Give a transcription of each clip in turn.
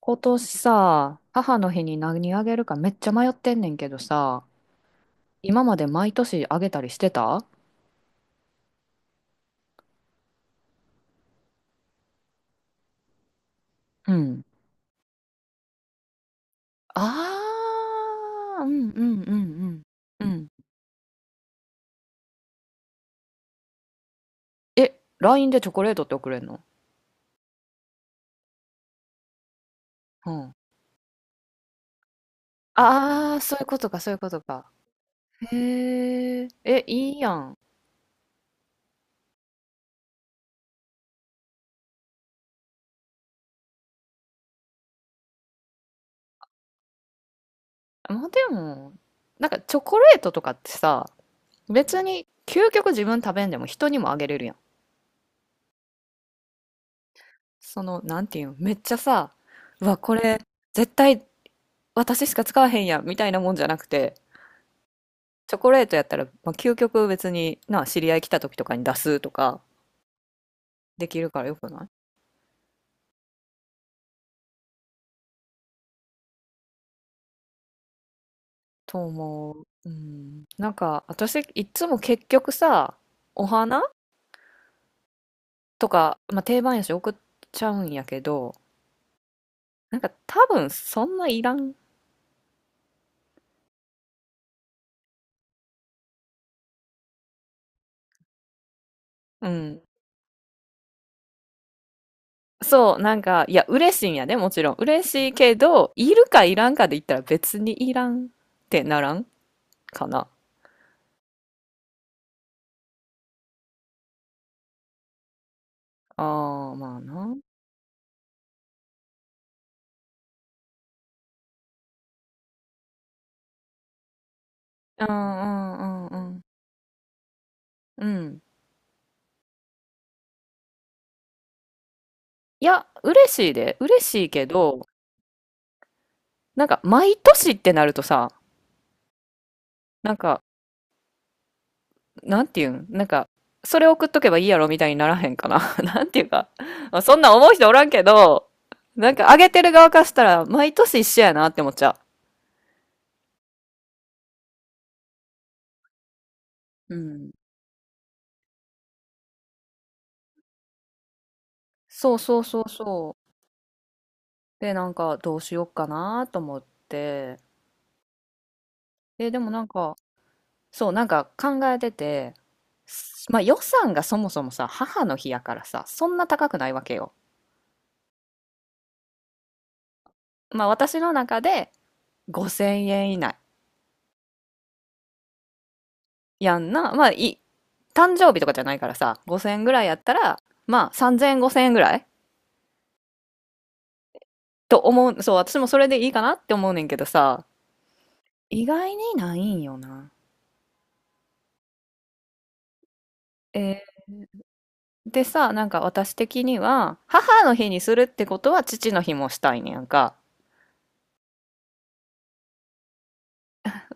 今年さ、母の日に何あげるかめっちゃ迷ってんねんけどさ、今まで毎年あげたりしてた。うん。あー、うんうんうんうん。うん。え、LINE でチョコレートって送れんの？うん。あー、そういうことか、そういうことか。へー。え、いいやん。まあ、でも、チョコレートとかってさ、別に究極自分食べんでも人にもあげれるやん。その、なんていうの、めっちゃさ、うわ、これ、絶対私しか使わへんやんみたいなもんじゃなくて、チョコレートやったら、まあ、究極別にな、知り合い来た時とかに出すとかできるからよくない？と思う。うん。私、いつも結局さ、お花とか、まあ、定番やし送っちゃうんやけど、なんか多分そんないらん。うん。そう、いや、嬉しいんやね、もちろん。嬉しいけど、いるかいらんかで言ったら別にいらんってならんかな。ああ、まあな。うんうんうんうん。うん。いや、嬉しいで、嬉しいけど、毎年ってなるとさ、なんか、なんていうん、なんか、それ送っとけばいいやろみたいにならへんかな。なんていうか、まあそんなん思う人おらんけど、あげてる側からしたら、毎年一緒やなって思っちゃう。うん。そうそうそうそう。で、どうしよっかなと思って、え、でも考えてて、まあ予算がそもそもさ、母の日やからさ、そんな高くないわけよ。まあ私の中で5000円以内やんな。まあい、誕生日とかじゃないからさ、5000円ぐらいやったら、まあ3000円5000円ぐらいと思う。そう、私もそれでいいかなって思うねんけどさ、意外にないんよな。えーでさ、なんか私的には、母の日にするってことは父の日もしたいねやんか。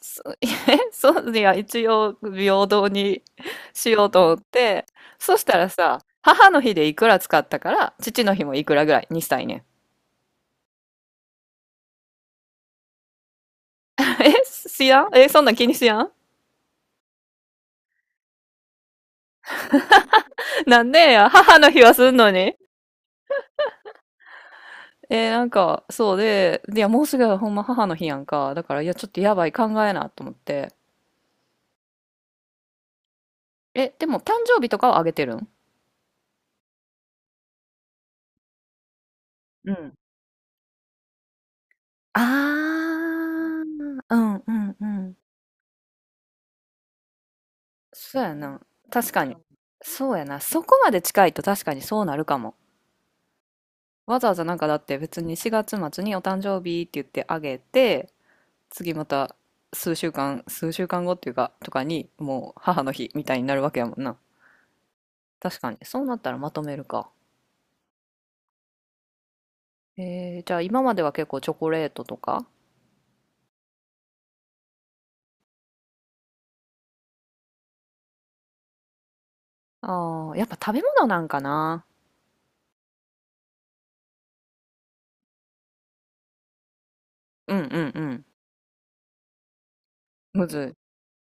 そ えそういや一応平等に しようと思ってそしたらさ母の日でいくら使ったから父の日もいくらぐらいにしたいねん。え、しやんえ、そんなん気にしやん。なんでや、母の日はすんのに。えーなんか、そうで、いや、もうすぐほんま母の日やんか。だから、いや、ちょっとやばい、考えなと思って。え、でも、誕生日とかはあげてるん？うん。あー、うんうんうん。そうやな。確かに。そうやな。そこまで近いと確かにそうなるかも。わざわざなんかだって別に4月末にお誕生日って言ってあげて、次また数週間、数週間後っていうか、とかに、もう母の日みたいになるわけやもんな。確かに。そうなったらまとめるか。えー、じゃあ今までは結構チョコレートとか？ああ、やっぱ食べ物なんかな。うんうんうん。むずい。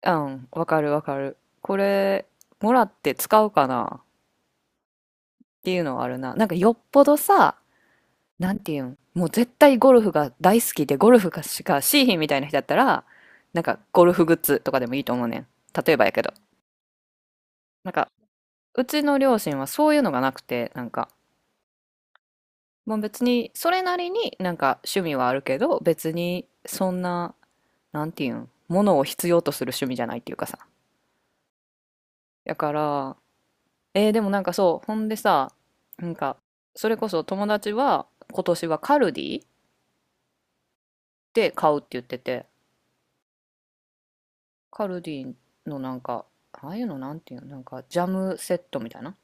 うん、わかるわかる。これ、もらって使うかなっていうのはあるな。なんかよっぽどさ、なんていうん、もう絶対ゴルフが大好きでゴルフがしかしーひんみたいな人だったら、なんかゴルフグッズとかでもいいと思うねん。例えばやけど。なんかうちの両親はそういうのがなくて、もう別に、それなりになんか趣味はあるけど、別にそんな、なんていうん、ものを必要とする趣味じゃないっていうかさ。だから、えーでもなんかそう、ほんでさ、なんか、それこそ友達は今年はカルディで買うって言ってて、カルディのなんか、ああいうのなんていうの、なんかジャムセットみたいな、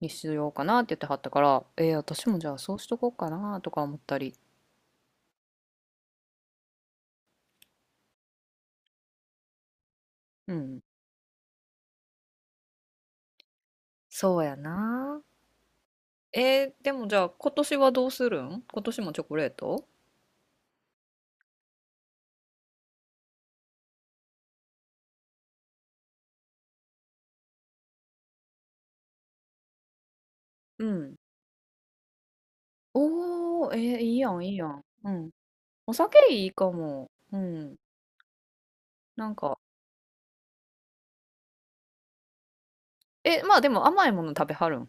にしようかなって言ってはったから、えー私もじゃあそうしとこうかなとか思ったり。うん。そうやなーえーでもじゃあ今年はどうするん？今年もチョコレート？うん。おー、えーいいやん、いいやん。うん。お酒いいかも。うん。なんか、え、まあでも甘いもの食べはるん？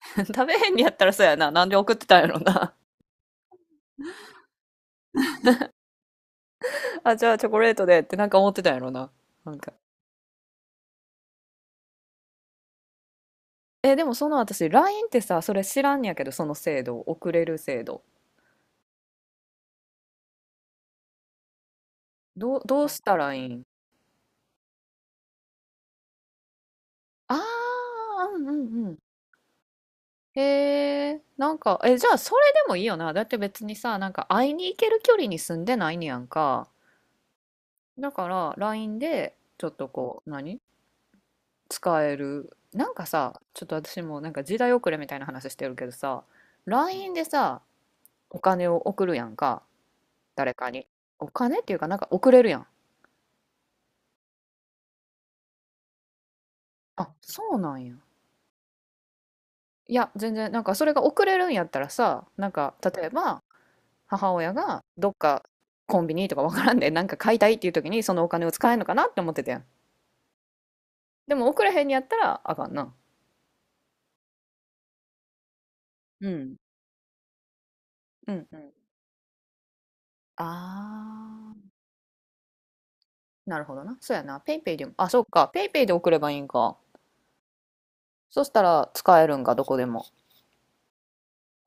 食べへんにやったらそうやな。なんで送ってたんやろな。あ、じゃあチョコレートでってなんか思ってたんやろな。なんか。えでもその私、LINE ってさ、それ知らんやけど、その制度、送れる制度。どう、どうしたらいいん？ああー、うんうんうん。へえ、なんか、え、じゃあそれでもいいよな。だって別にさ、なんか会いに行ける距離に住んでないねやんか。だから LINE でちょっとこう、何使える。なんかさ、ちょっと私もなんか時代遅れみたいな話してるけどさ、LINE でさ、お金を送るやんか、誰かに。お金っていうかなんか送れるやん。あ、そうなんや。いや、全然、なんかそれが送れるんやったらさ、なんか例えば、母親がどっかコンビニとかわからんでなんか買いたいっていう時にそのお金を使えんのかなって思ってたやん。でも送らへんにやったらあかんな。うん。うんうんあーなるほどなそうやなペイペイでもあそうかペイペイで送ればいいんか。そしたら使えるんかどこでも。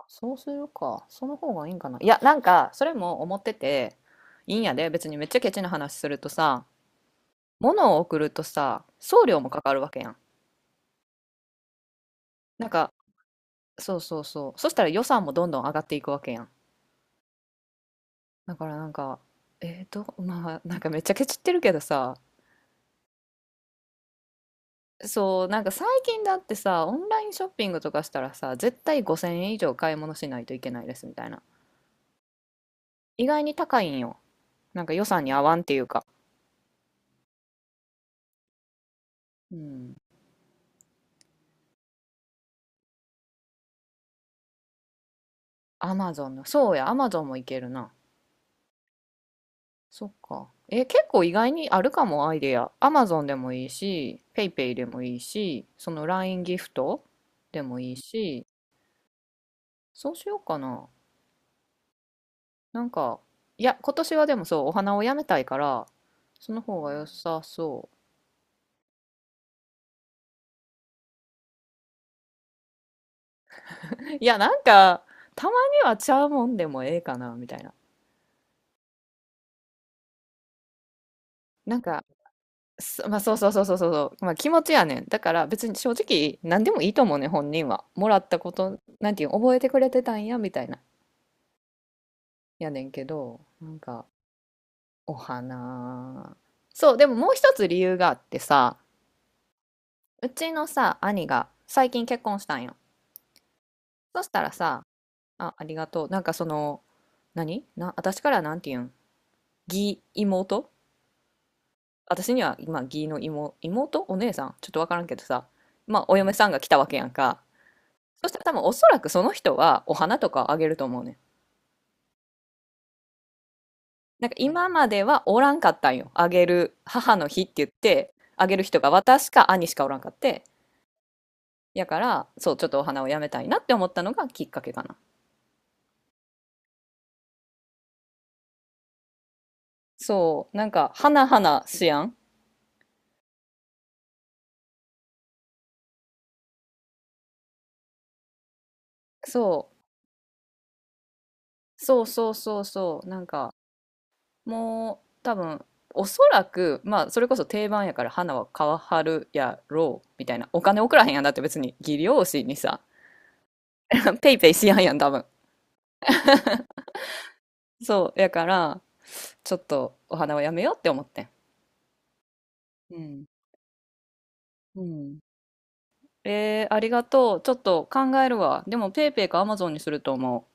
そうするかその方がいいんかな。いやなんかそれも思ってていいんやで別にめっちゃケチな話するとさ物を送るとさ送料もかかるわけやん。なんかそうそうそうそしたら予算もどんどん上がっていくわけやん。だからなんか、えーと、まあなんかめっちゃケチってるけどさ、そう、なんか最近だってさ、オンラインショッピングとかしたらさ、絶対5000円以上買い物しないといけないですみたいな。意外に高いんよ。なんか予算に合わんっていうか。うん。アマゾンの、そうや、アマゾンもいけるな。そっか。え、結構意外にあるかも、アイデア。アマゾンでもいいし、ペイペイでもいいし、その LINE ギフトでもいいし、そうしようかな。なんか、いや、今年はでもそう、お花をやめたいから、その方が良さそう。いや、なんか、たまにはちゃうもんでもええかな、みたいな。なんか、まあ、そうそうそうそうそうそう、まあ、気持ちやねん。だから別に正直、何でもいいと思うねん、本人は。もらったこと、なんていうの、覚えてくれてたんや、みたいな。やねんけど、なんか、お花。そう、でももう一つ理由があってさ、うちのさ、兄が最近結婚したんよ。そしたらさ、あ、ありがとう。なんかその、何な、私からなんて言うん、義妹、私には今、義の妹、妹お姉さんちょっとわからんけどさ。まあ、お嫁さんが来たわけやんか。そしたら多分おそらくその人はお花とかをあげると思うねん。なんか今まではおらんかったんよ。あげる、母の日って言って、あげる人が私か兄しかおらんかって。やから、そう、ちょっとお花をやめたいなって思ったのがきっかけかな。そう、なんか、花々しやん。そう、そうそうそうそう、なんか、もう多分おそらくまあそれこそ定番やから花は買わはるやろうみたいな。お金送らへんやんだって別に技量士にさ ペイペイしやんやん多分。そうやからちょっとお花はやめようって思ってん。うん。うん。えー、ありがとうちょっと考えるわでもペイペイかアマゾンにすると思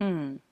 う。うん。